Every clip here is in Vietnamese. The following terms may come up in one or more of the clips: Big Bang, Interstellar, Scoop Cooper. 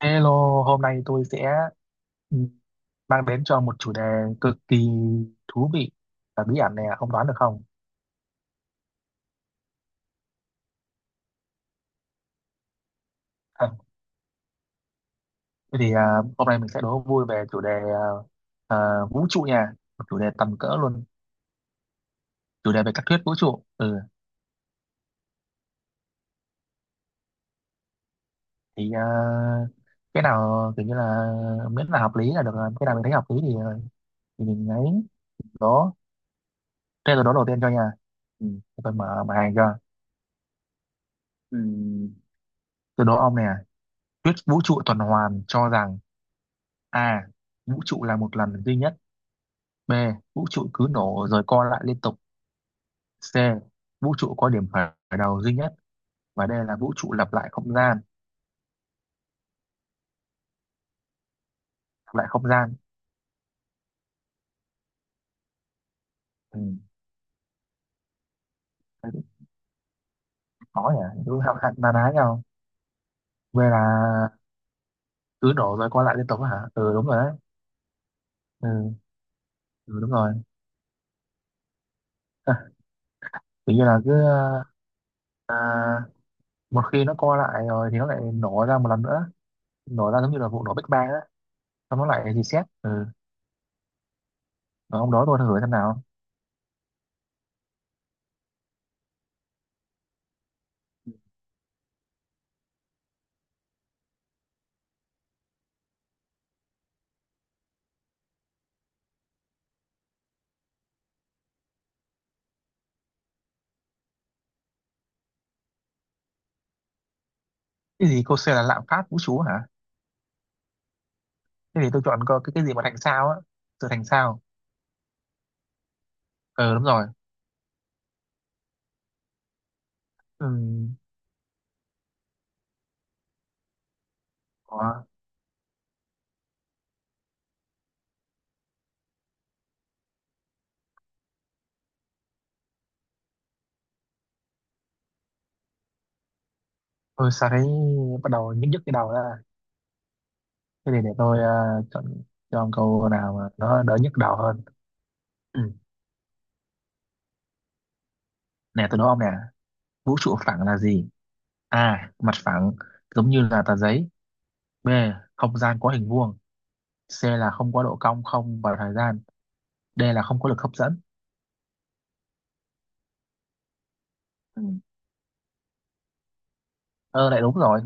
Hello, hôm nay tôi sẽ ừ, mang đến cho một chủ đề cực kỳ thú vị và bí ẩn này, không đoán được không? À, thế thì hôm nay mình sẽ đố vui về chủ đề à, vũ trụ nha, một chủ đề tầm cỡ luôn, chủ đề về các thuyết vũ trụ. Ừ, thì cái nào kiểu như là miễn là hợp lý là được, rồi. Cái nào mình thấy hợp lý thì mình ấy đố. Thế tôi đố đầu tiên cho nha. Ừ, để tôi mở bài cho. Ừ, tôi đố ông nè, thuyết vũ trụ tuần hoàn cho rằng A. Vũ trụ là một lần duy nhất. B. Vũ trụ cứ nổ rồi co lại liên tục. C. Vũ trụ có điểm khởi khởi đầu duy nhất. Và D là vũ trụ lặp lại không gian. Lặp lại không gian. Ừ. Thế cũng khó nhỉ. Đúng hạn hạn na ná nhau. V là cứ nổ rồi co lại liên tục á hả? Ừ đúng rồi đấy. Ừ, ừ đúng rồi. À, tự nhiên là cứ à, một khi nó co lại rồi thì nó lại nổ ra một lần nữa. Nổ ra giống như là vụ nổ Big Bang á. Xong nó lại reset. Ừ. Rồi ông đó tôi thử xem nào. Cái gì cô C là lạm phát vũ trụ hả? Thế thì tôi chọn có cái gì mà thành sao á, sự thành sao. Ờ đúng rồi. Ừm, có tôi sao thấy bắt đầu nhức nhức cái đầu ra. Thế thì để tôi chọn cho ông câu nào mà nó đỡ nhức đầu hơn. Ừm, nè tôi đố ông nè, vũ trụ phẳng là gì? A, mặt phẳng giống như là tờ giấy. B, không gian có hình vuông. C là không có độ cong không và thời gian. D là không có lực hấp dẫn. Ừ. Ờ lại đúng rồi.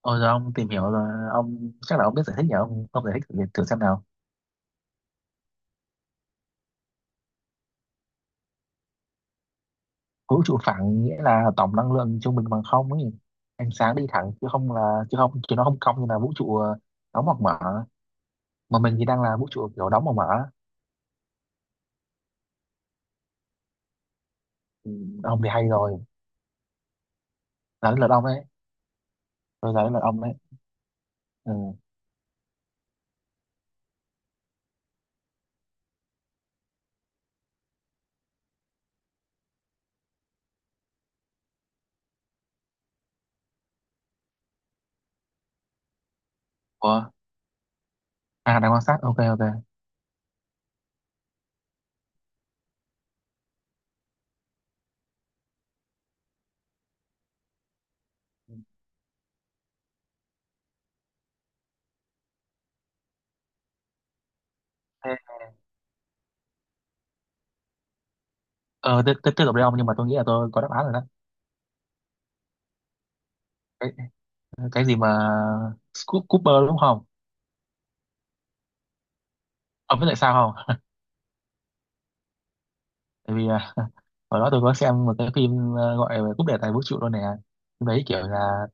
Ôi giờ ông tìm hiểu rồi ông chắc là ông biết giải thích nhỉ, ông giải thích thử xem nào. Vũ trụ phẳng nghĩa là tổng năng lượng trung bình bằng không ấy, ánh sáng đi thẳng chứ nó không cong như là vũ trụ đóng hoặc mở. Mà mình thì đang là vũ trụ kiểu đóng hoặc mở. Ừ, ông thì hay rồi, là đến lượt ông đấy. Tôi là đến lượt ông đấy. Ừ. Ủa? À đang quan sát, ok, ok. Thế- ờ tiếp tiếp tiếp tục đi ông, nhưng mà tôi nghĩ là tôi có đáp án rồi đó. Cái, cái gì mà Scoop Cooper đúng không? Ông biết tại sao không? tại vì hồi đó tôi có xem một cái phim gọi là Cúp đề tài vũ trụ luôn nè. Phim đấy kiểu là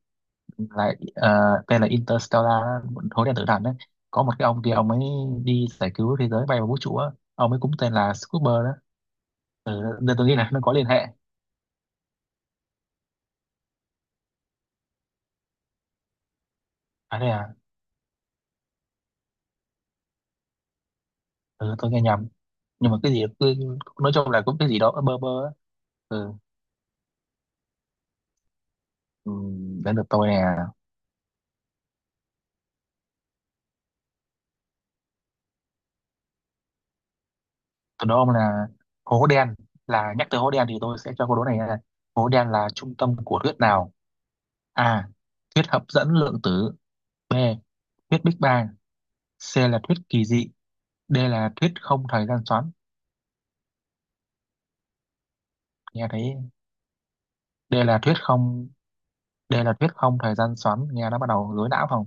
là tên là Interstellar á, hố đen tử thần đấy, có một cái ông kia ông ấy đi giải cứu thế giới bay vào vũ trụ á. Ông ấy cũng tên là Scooper đó. Ừ, nên tôi nghĩ là nó có liên hệ. À đây à. Ừ, tôi nghe nhầm. Nhưng mà cái gì cứ, nói chung là cũng cái gì đó bơ bơ á. Ừ, ừ đến được tôi nè. Tôi đố ông là hố đen, là nhắc tới hố đen thì tôi sẽ cho câu đố này là hố đen là trung tâm của thuyết nào. A, thuyết hấp dẫn lượng tử. B, thuyết Big Bang. C là thuyết kỳ dị. D là thuyết không thời gian xoắn. Nghe thấy D là thuyết không D là thuyết không thời gian xoắn nghe nó bắt đầu rối não không,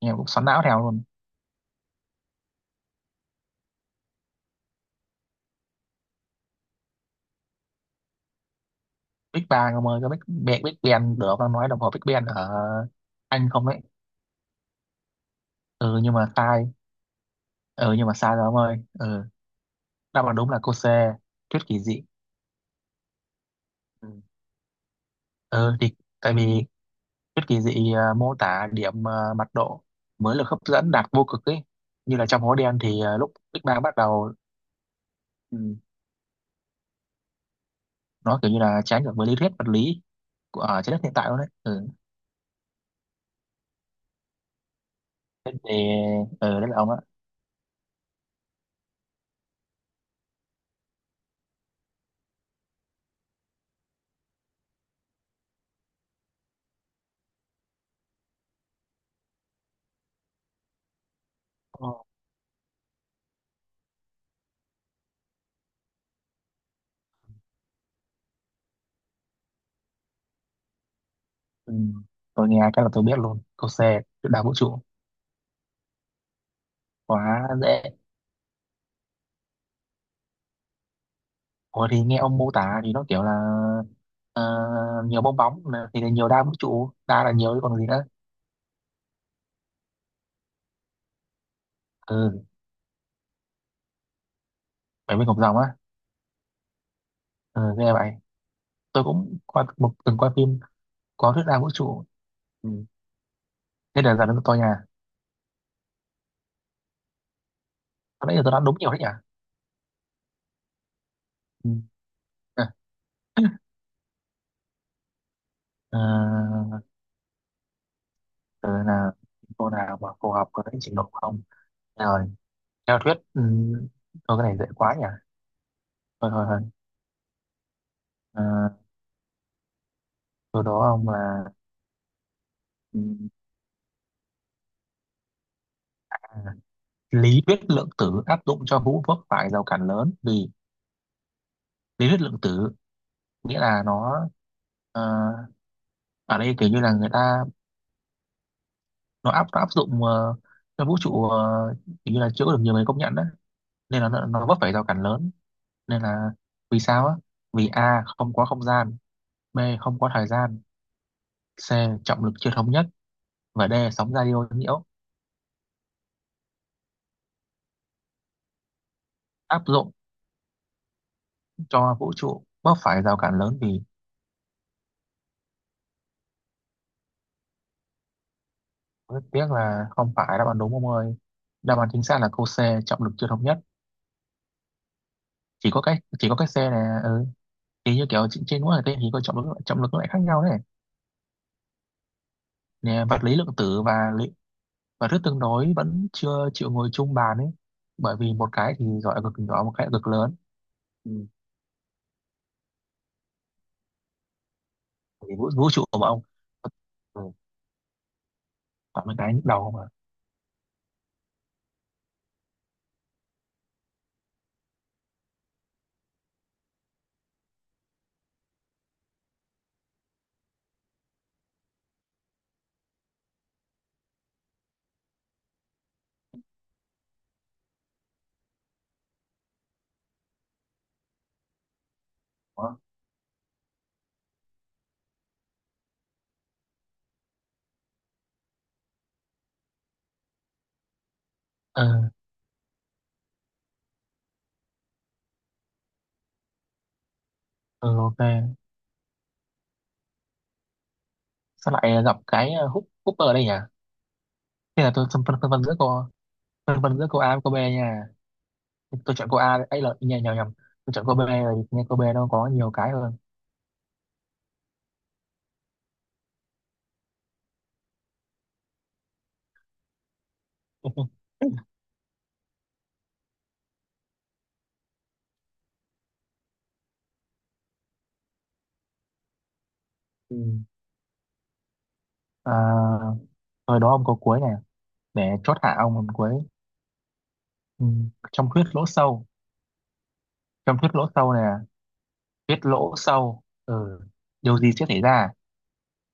nghe cũng xoắn não theo luôn. Big Bang ông ơi, cái Big Bang Big Bang được đang nói đồng hồ Big Bang ở Anh không đấy. Ừ nhưng mà sai. Ừ nhưng mà sai rồi ông ơi. Ừ, đáp án đúng là cô C, thuyết kỳ dị. Ừ. Ừ, thì tại vì thuyết kỳ dị mô tả điểm mặt độ mới lực hấp dẫn đạt vô cực ấy, như là trong hố đen thì lúc Big Bang bắt đầu. Ừ, nó kiểu như là trái ngược với lý thuyết vật lý của trái đất hiện tại luôn đấy. Ừ, thế thì đấy là ông á. Ừ. Tôi nghe cái là tôi biết luôn câu C, trước đảo vũ trụ. Quá dễ. Ủa thì nghe ông mô tả thì nó kiểu là ờ, nhiều bong bóng thì là nhiều đa vũ trụ, đa là nhiều chứ còn gì nữa. Ừ, bảy viên ngọc rồng á. Ừ nghe vậy, tôi cũng coi một từng coi phim có thuyết đa vũ trụ. Ừ. Thế là giờ nó tôi nha. Có lẽ là tôi đã đúng nhiều đấy nhỉ. Ừ. À, ờ, từ là cô nào mà phù hợp với trình độ của ông. Ờ, theo thuyết thôi cái này dễ quá nhỉ, thôi thôi thôi. à, sau đó ông là ừ, à, lý thuyết lượng tử áp dụng cho hữu vấp phải rào cản lớn vì lý thuyết lượng tử nghĩa là nó ờ, ở đây kiểu như là người ta nó áp dụng cho vũ trụ kiểu như là chưa có được nhiều người công nhận đấy, nên là nó vấp phải rào cản lớn. Nên là vì sao á? Vì A, không có không gian. B, không có thời gian. C, trọng lực chưa thống nhất. Và D, sóng radio nhiễu. Áp dụng cho vũ trụ bớt phải rào cản lớn vì. Rất tiếc là không phải đáp án đúng ông ơi. Đáp án chính xác là câu C, trọng lực chưa thống nhất. Chỉ có cái C này. Ừ. Thì như kiểu trên trên mỗi hành tinh thì có trọng lực, trọng lực nó lại khác nhau đấy. Nè, vật lý lượng tử và thuyết tương đối vẫn chưa chịu ngồi chung bàn ấy, bởi vì một cái thì gọi là cực nhỏ, một cái là cực lớn. Ừ. Thì vũ trụ mà ông. Ừ. Toàn mấy cái nhức đầu mà. Đó. Ừ, ừ, ok. Sao lại gặp cái hút hút ở đây nhỉ? Thế là tôi phân phân, phân vân giữa cô, phân vân giữa câu A với câu B nha. Tôi chọn câu A đấy. Ấy là nhầm nhầm nhầm, tôi chọn câu B rồi, nghe câu B nó có nhiều cái hơn. ừ. à, rồi đó ông câu cuối này, để chốt hạ ông câu cuối. Ừ. Trong thuyết lỗ sâu, trong thuyết lỗ sâu này, thuyết lỗ sâu. Ừ. Điều gì sẽ xảy ra?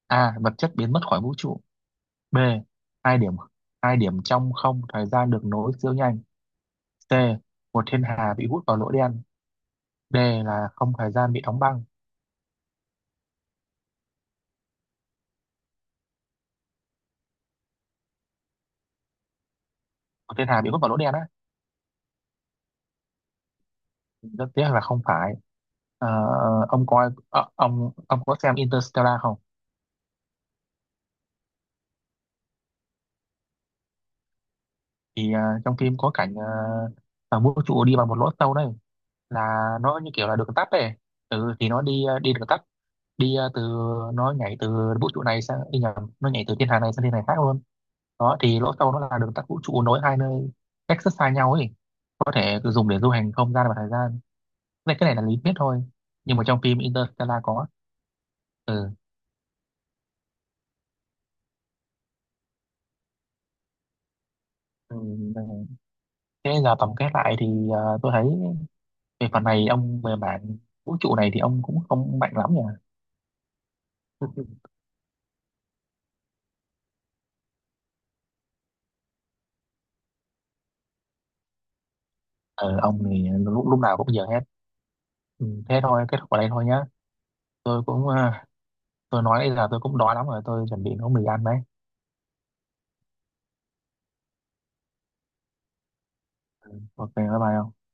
A, vật chất biến mất khỏi vũ trụ. B, hai điểm, hai điểm trong không thời gian được nối siêu nhanh. C, một thiên hà bị hút vào lỗ đen. D là không thời gian bị đóng băng. Một thiên hà bị hút vào lỗ đen á. Rất tiếc là không phải. Ờ, ông coi ông có xem Interstellar không? Thì trong phim có cảnh thằng vũ trụ đi vào một lỗ sâu đấy, là nó như kiểu là đường tắt ấy. Ừ, thì nó đi đi đường tắt, đi từ, nó nhảy từ vũ trụ này sang, đi nhầm, nó nhảy từ thiên hà này sang thiên hà khác luôn. Đó thì lỗ sâu nó là đường tắt vũ trụ, nối hai nơi cách rất xa nhau ấy, có thể cứ dùng để du hành không gian và thời gian. Cái này là lý thuyết thôi, nhưng mà trong phim Interstellar có. Ừ. Ừ. Thế giờ tổng kết lại thì tôi thấy về phần này ông, về mảng vũ trụ này thì ông cũng không mạnh lắm nhỉ. Ờ, ông thì lúc nào cũng giờ hết. Ừ, thế thôi, kết thúc ở đây thôi nhá. Tôi cũng tôi nói bây giờ tôi cũng đói lắm rồi, tôi chuẩn bị nấu mì ăn đấy. Ừ, ok, bye bye ông.